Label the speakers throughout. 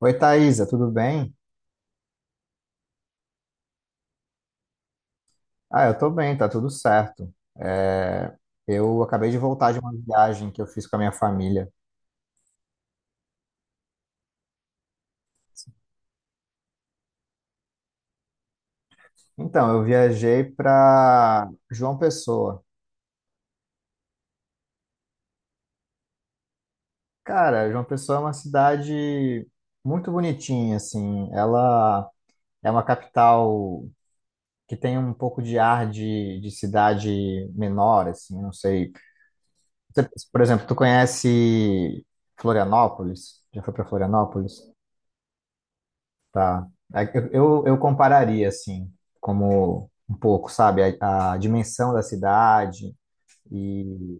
Speaker 1: Oi, Thaisa, tudo bem? Ah, eu tô bem, tá tudo certo. É, eu acabei de voltar de uma viagem que eu fiz com a minha família. Então, eu viajei para João Pessoa. Cara, João Pessoa é uma cidade muito bonitinha, assim. Ela é uma capital que tem um pouco de ar de cidade menor, assim, não sei. Por exemplo, tu conhece Florianópolis? Já foi para Florianópolis? Tá. É que eu compararia, assim, como um pouco, sabe, a dimensão da cidade e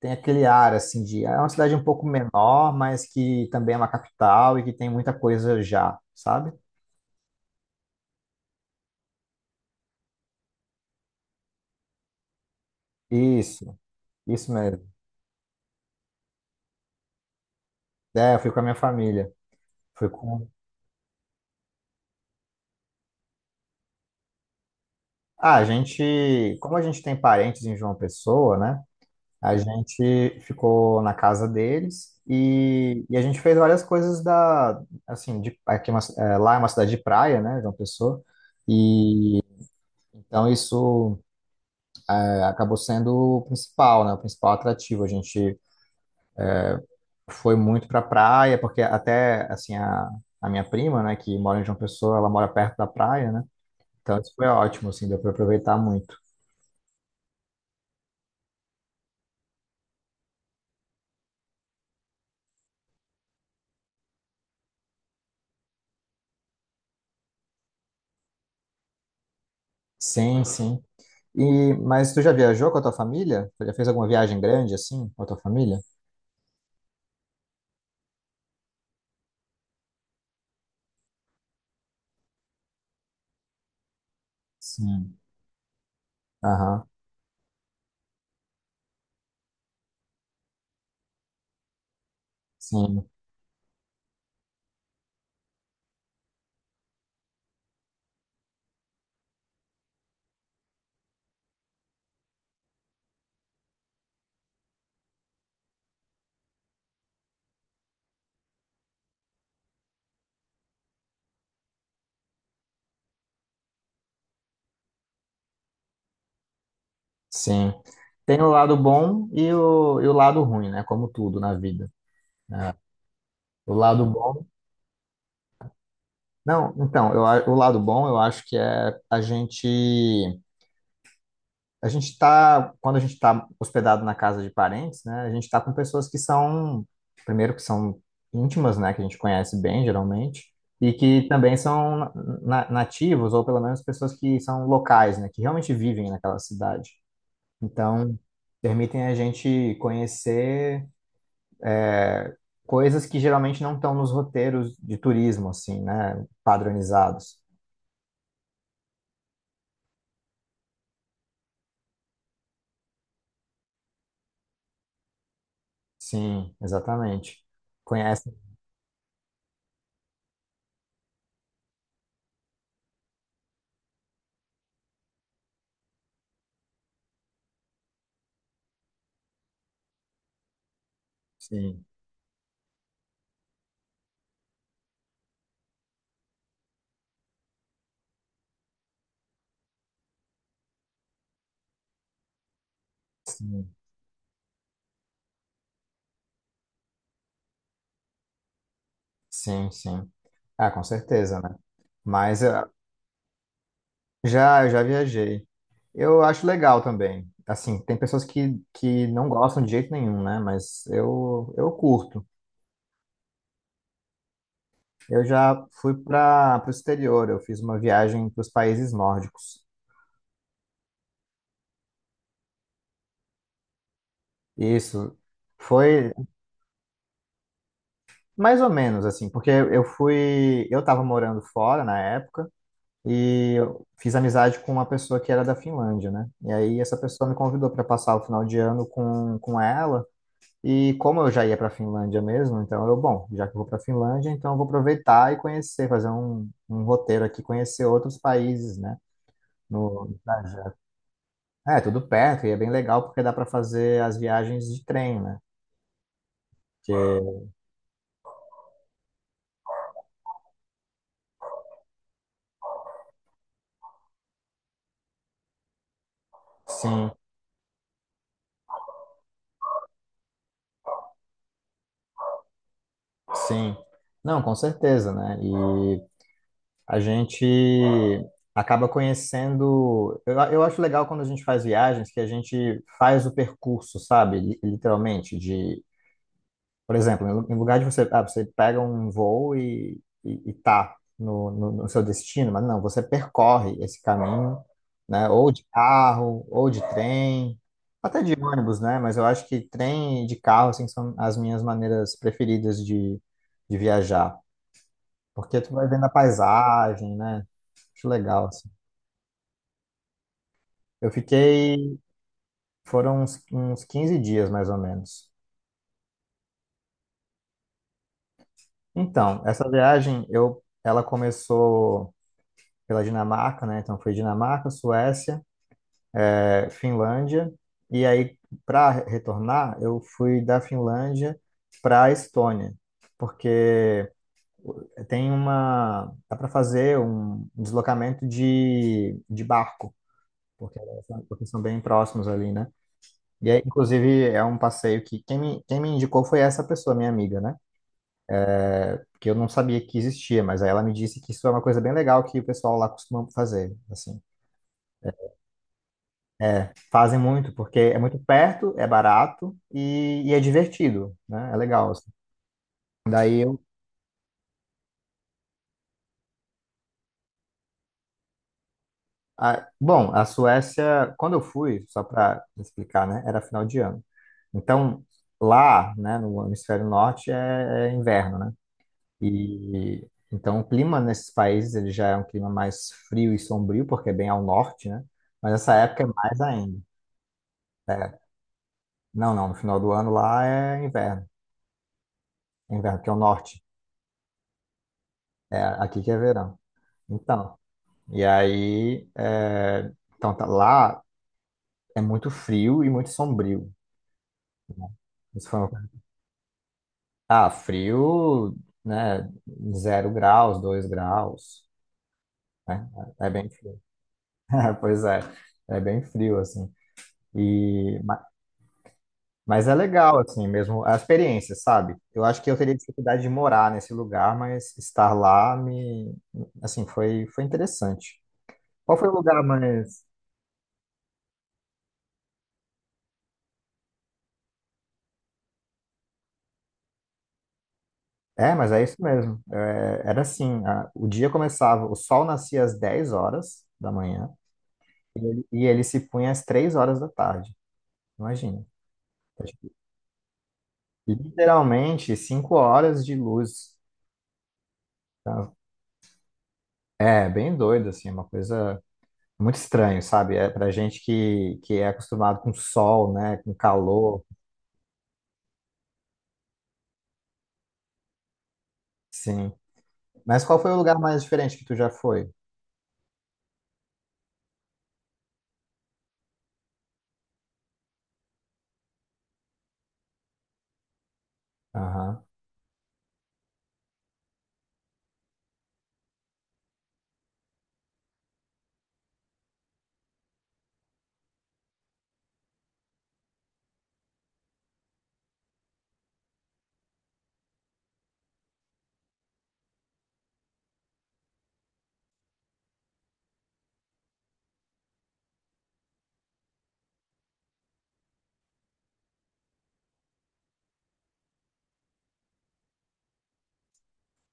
Speaker 1: tem aquele ar, assim, de... É uma cidade um pouco menor, mas que também é uma capital e que tem muita coisa já, sabe? Isso, isso mesmo. É, eu fui com a minha família. Fui com... Ah, a gente... Como a gente tem parentes em João Pessoa, né? A gente ficou na casa deles e a gente fez várias coisas da, assim, de, é, lá é uma cidade de praia, né, João Pessoa, e então isso é, acabou sendo o principal, né, o principal atrativo. A gente foi muito para praia, porque até, assim, a minha prima, né, que mora em João Pessoa, ela mora perto da praia, né, então isso foi ótimo, assim, deu para aproveitar muito. Sim, sim. E, mas tu já viajou com a tua família? Tu já fez alguma viagem grande, assim, com a tua família? Sim. Aham, sim, sim. Tem o lado bom e o lado ruim, né? Como tudo na vida. O lado bom. Não, então, o lado bom eu acho que é a gente. Quando a gente está hospedado na casa de parentes, né? A gente está com pessoas que são. Primeiro, que são íntimas, né? Que a gente conhece bem, geralmente. E que também são nativos, ou pelo menos pessoas que são locais, né? Que realmente vivem naquela cidade. Então permitem a gente conhecer coisas que geralmente não estão nos roteiros de turismo, assim, né? Padronizados. Sim, exatamente. Conhece? Sim, sim, sim, sim. Ah, com certeza, né? Mas já viajei. Eu acho legal também. Assim, tem pessoas que não gostam de jeito nenhum, né? Mas eu curto. Eu já fui para o exterior, eu fiz uma viagem para os países nórdicos. Isso. Foi, mais ou menos, assim, porque eu fui. Eu tava morando fora na época e eu fiz amizade com uma pessoa que era da Finlândia, né? E aí essa pessoa me convidou para passar o final de ano com ela. E como eu já ia para Finlândia mesmo, então eu, bom, já que eu vou para Finlândia, então eu vou aproveitar e conhecer, fazer um, um roteiro aqui, conhecer outros países, né? No trajeto. É, tudo perto e é bem legal porque dá para fazer as viagens de trem, né? Porque, sim, sim. Não, com certeza, né? E a gente acaba conhecendo. Eu acho legal quando a gente faz viagens que a gente faz o percurso, sabe? Literalmente, de, por exemplo, em lugar de você, ah, você pega um voo e, e tá no seu destino, mas não, você percorre esse caminho, né? Ou de carro, ou de trem, até de ônibus, né? Mas eu acho que trem e de carro, assim, são as minhas maneiras preferidas de viajar. Porque tu vai vendo a paisagem, né? Acho legal, assim. Eu fiquei, foram uns, uns 15 dias mais ou menos. Então, essa viagem, eu, ela começou pela Dinamarca, né? Então foi Dinamarca, Suécia, Finlândia, e aí para retornar, eu fui da Finlândia para Estônia, porque tem uma, dá para fazer um deslocamento de barco, porque, porque são bem próximos ali, né? E aí, inclusive, é um passeio que quem me indicou foi essa pessoa, minha amiga, né? Que eu não sabia que existia, mas aí ela me disse que isso é uma coisa bem legal que o pessoal lá costuma fazer, assim. Fazem muito, porque é muito perto, é barato e é divertido, né? É legal, assim. Daí eu... bom, a Suécia, quando eu fui, só para explicar, né? Era final de ano. Então, lá, né, no hemisfério norte, é inverno, né? E então o clima nesses países ele já é um clima mais frio e sombrio, porque é bem ao norte, né? Mas essa época é mais ainda. É, não, não, no final do ano lá é inverno. É inverno, que é o norte. É, aqui que é verão. Então, e aí, é, então tá, lá é muito frio e muito sombrio. Né? Isso foi uma... coisa. Ah, frio, né? 0 graus, 2 graus, né? É bem frio. Pois é, é bem frio, assim. E Mas é legal, assim, mesmo a experiência, sabe? Eu acho que eu teria dificuldade de morar nesse lugar, mas estar lá me, assim, foi, interessante. Qual foi o lugar mais... É, mas é isso mesmo. É, era assim, o dia começava, o sol nascia às 10 horas da manhã e ele se punha às 3 horas da tarde. Imagina. É, tipo, literalmente 5 horas de luz. Então, é, bem doido, assim, é uma coisa muito estranho, sabe? É pra gente que é acostumado com sol, né? Com calor, sim. Mas qual foi o lugar mais diferente que tu já foi? Aham,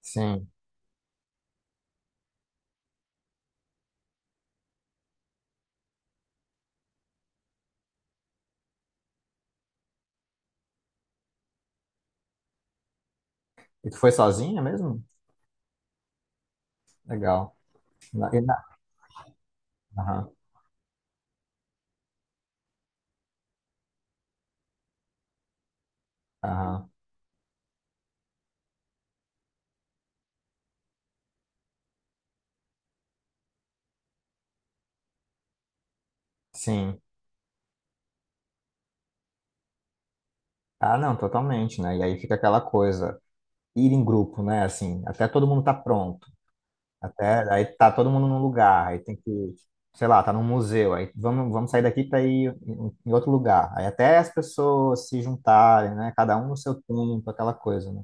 Speaker 1: sim. E tu foi sozinha mesmo? Legal. Na- e na- Aham, aham, sim. Ah, não, totalmente, né? E aí fica aquela coisa, ir em grupo, né? Assim, até todo mundo tá pronto. Até aí tá todo mundo num lugar, aí tem que, sei lá, tá num museu, aí vamos, vamos sair daqui para ir em outro lugar. Aí até as pessoas se juntarem, né? Cada um no seu tempo, aquela coisa, né?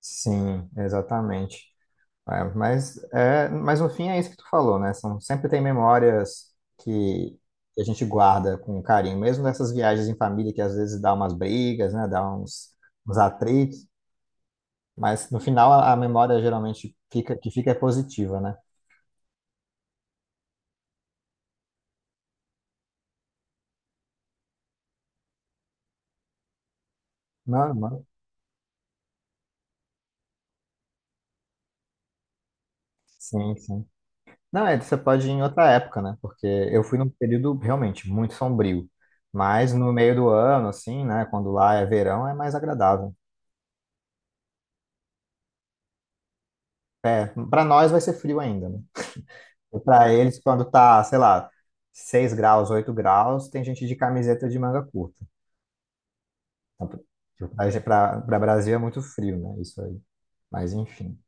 Speaker 1: Sim, exatamente. Mas no fim é isso que tu falou, né? Sempre tem memórias que, a gente guarda com carinho, mesmo nessas viagens em família que às vezes dá umas brigas, né? Dá uns atritos, mas no final a memória geralmente fica, que fica é positiva, né? Não, sim, sim. Não, é, você pode ir em outra época, né? Porque eu fui num período realmente muito sombrio. Mas no meio do ano, assim, né? Quando lá é verão, é mais agradável. Para nós vai ser frio ainda, né? E para eles, quando tá, sei lá, 6 graus, 8 graus, tem gente de camiseta de manga curta. Então, para Brasil é muito frio, né? Isso aí. Mas enfim.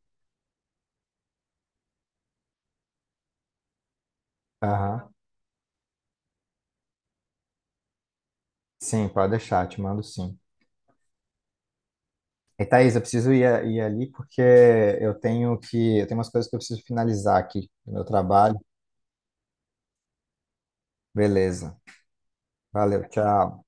Speaker 1: Aham. Sim, pode deixar, te mando sim. E Thaís, eu preciso ir, ir ali porque eu tenho que, eu tenho umas coisas que eu preciso finalizar aqui no meu trabalho. Beleza. Valeu, tchau.